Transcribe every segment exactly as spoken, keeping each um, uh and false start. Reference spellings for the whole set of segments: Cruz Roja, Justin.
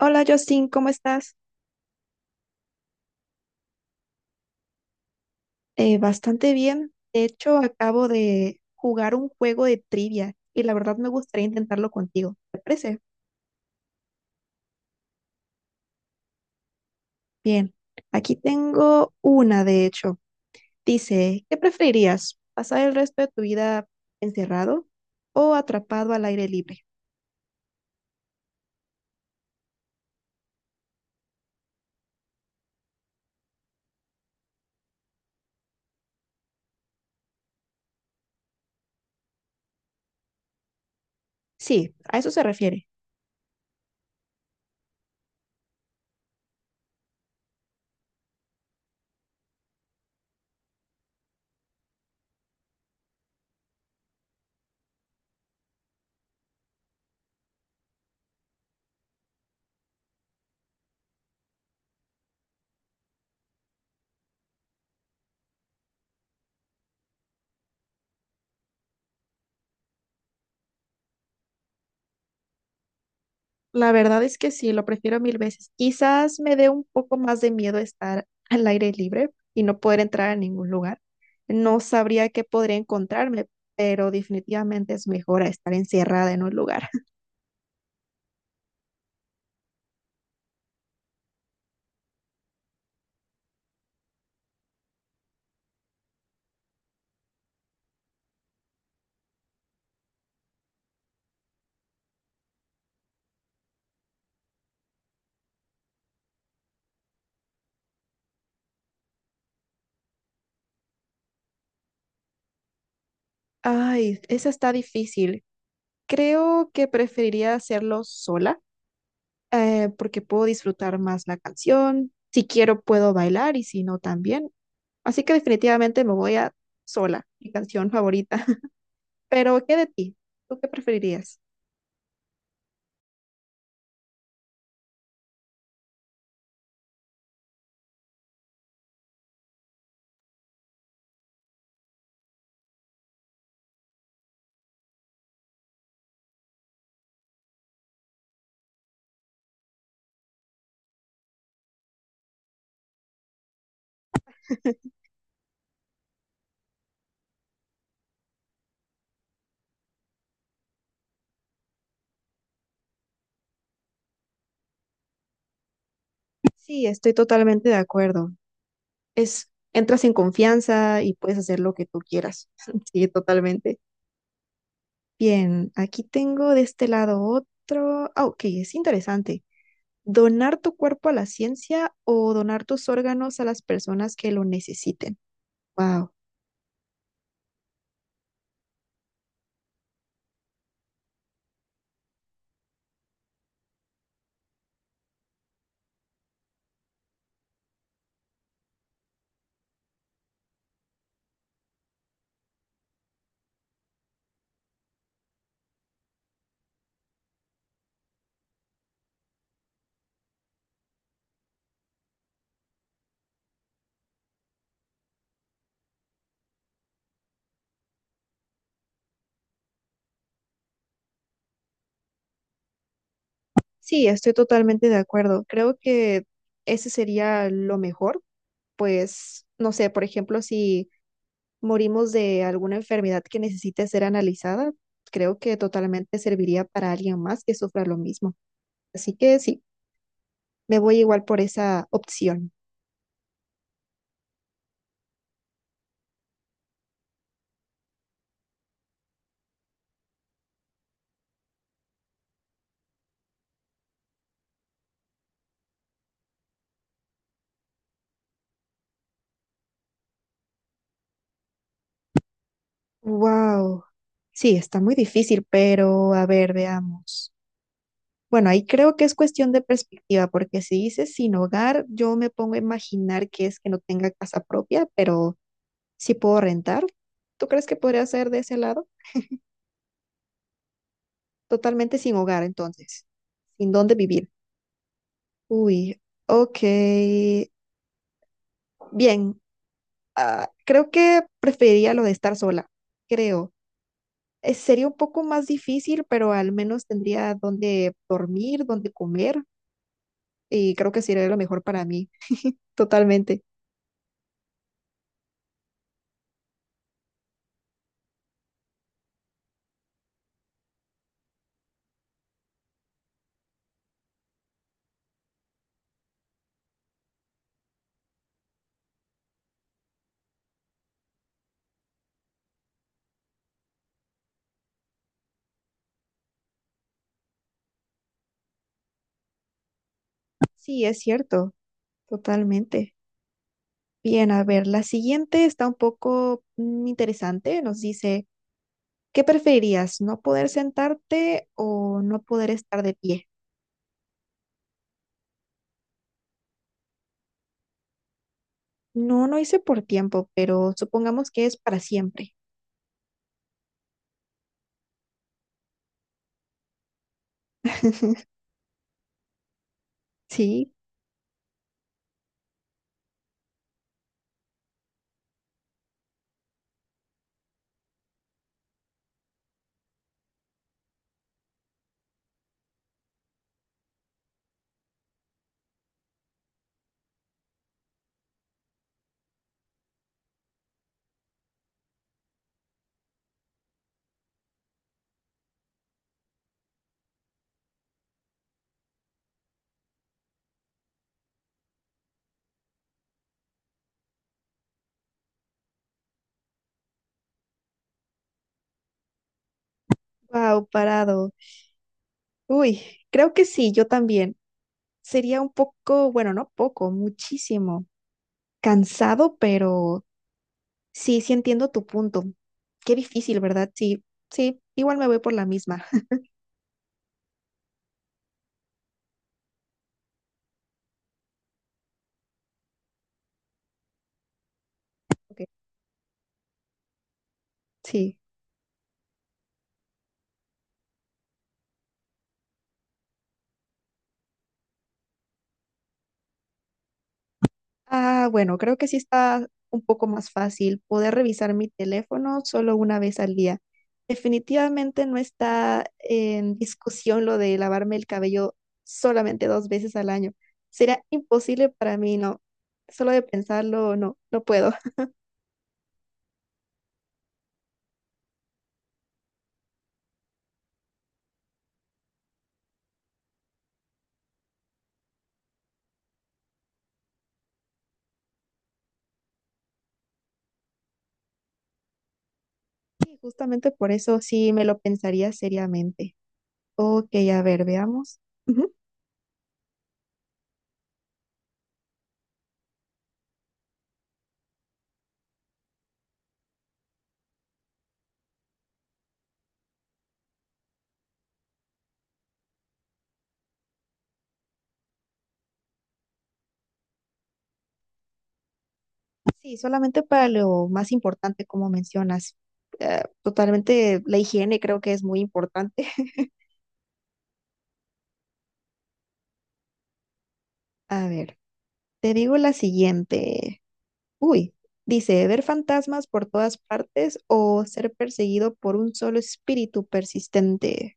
Hola, Justin, ¿cómo estás? Eh, bastante bien. De hecho, acabo de jugar un juego de trivia y la verdad me gustaría intentarlo contigo. ¿Te parece? Bien. Aquí tengo una, de hecho. Dice, ¿qué preferirías? ¿Pasar el resto de tu vida encerrado o atrapado al aire libre? Sí, a eso se refiere. La verdad es que sí, lo prefiero mil veces. Quizás me dé un poco más de miedo estar al aire libre y no poder entrar a ningún lugar. No sabría qué podría encontrarme, pero definitivamente es mejor a estar encerrada en un lugar. Ay, esa está difícil. Creo que preferiría hacerlo sola, eh, porque puedo disfrutar más la canción. Si quiero, puedo bailar y si no, también. Así que definitivamente me voy a sola, mi canción favorita. Pero, ¿qué de ti? ¿Tú qué preferirías? Sí, estoy totalmente de acuerdo. Es, entras en confianza y puedes hacer lo que tú quieras. Sí, totalmente. Bien, aquí tengo de este lado otro. Ah, ok, es interesante. ¿Donar tu cuerpo a la ciencia o donar tus órganos a las personas que lo necesiten? Wow. Sí, estoy totalmente de acuerdo. Creo que ese sería lo mejor. Pues no sé, por ejemplo, si morimos de alguna enfermedad que necesite ser analizada, creo que totalmente serviría para alguien más que sufra lo mismo. Así que sí, me voy igual por esa opción. Wow. Sí, está muy difícil, pero a ver, veamos. Bueno, ahí creo que es cuestión de perspectiva, porque si dices sin hogar, yo me pongo a imaginar que es que no tenga casa propia, pero sí puedo rentar. ¿Tú crees que podría ser de ese lado? Totalmente sin hogar, entonces, sin dónde vivir. Uy, ok. Bien, ah, creo que preferiría lo de estar sola, creo. Eh, sería un poco más difícil, pero al menos tendría donde dormir, donde comer, y creo que sería lo mejor para mí, totalmente. Sí, es cierto, totalmente. Bien, a ver, la siguiente está un poco mm, interesante. Nos dice, ¿qué preferirías? ¿No poder sentarte o no poder estar de pie? No, no hice por tiempo, pero supongamos que es para siempre. Sí, wow, parado. Uy, creo que sí, yo también. Sería un poco, bueno, no poco, muchísimo. Cansado, pero sí, sí entiendo tu punto. Qué difícil, ¿verdad? Sí, sí, igual me voy por la misma. Ok, sí. Ah, bueno, creo que sí está un poco más fácil poder revisar mi teléfono solo una vez al día. Definitivamente no está en discusión lo de lavarme el cabello solamente dos veces al año. Será imposible para mí, no. Solo de pensarlo, no, no puedo. Y justamente por eso sí me lo pensaría seriamente. Ok, a ver, veamos. Ujú. Sí, solamente para lo más importante, como mencionas. Eh, totalmente, la higiene creo que es muy importante. A ver. Te digo la siguiente. Uy, dice, ver fantasmas por todas partes o ser perseguido por un solo espíritu persistente.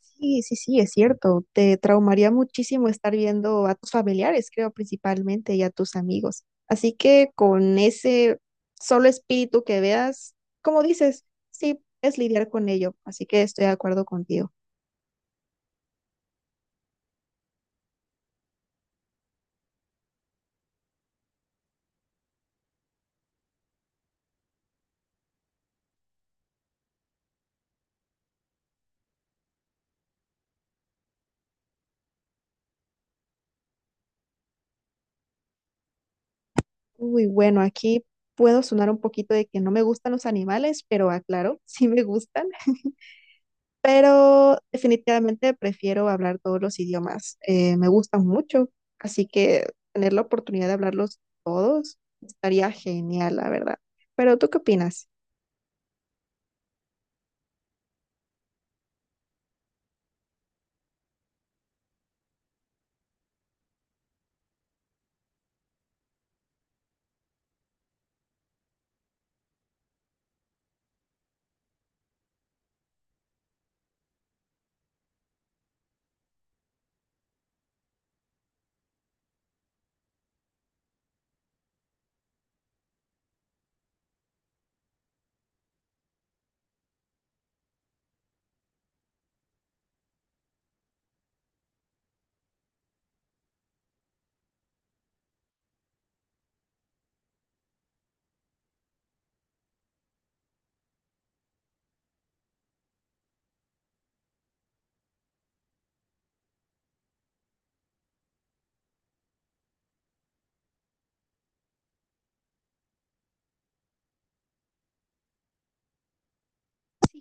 Sí, sí, sí, es cierto. Te traumaría muchísimo estar viendo a tus familiares, creo, principalmente, y a tus amigos. Así que con ese solo espíritu que veas, como dices, sí, es lidiar con ello. Así que estoy de acuerdo contigo. Uy, bueno, aquí puedo sonar un poquito de que no me gustan los animales, pero aclaro, sí me gustan. Pero definitivamente prefiero hablar todos los idiomas. Eh, me gustan mucho, así que tener la oportunidad de hablarlos todos estaría genial, la verdad. Pero ¿tú qué opinas?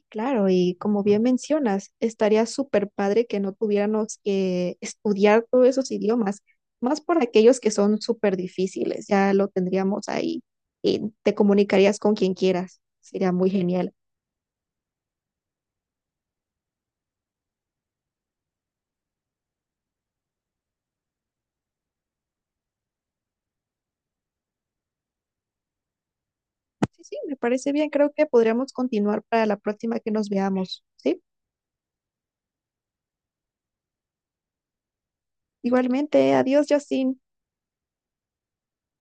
Claro, y como bien mencionas, estaría súper padre que no tuviéramos que estudiar todos esos idiomas, más por aquellos que son súper difíciles, ya lo tendríamos ahí y te comunicarías con quien quieras, sería muy genial. Sí, sí, me parece bien, creo que podríamos continuar para la próxima que nos veamos, ¿sí? Igualmente, adiós, Justin.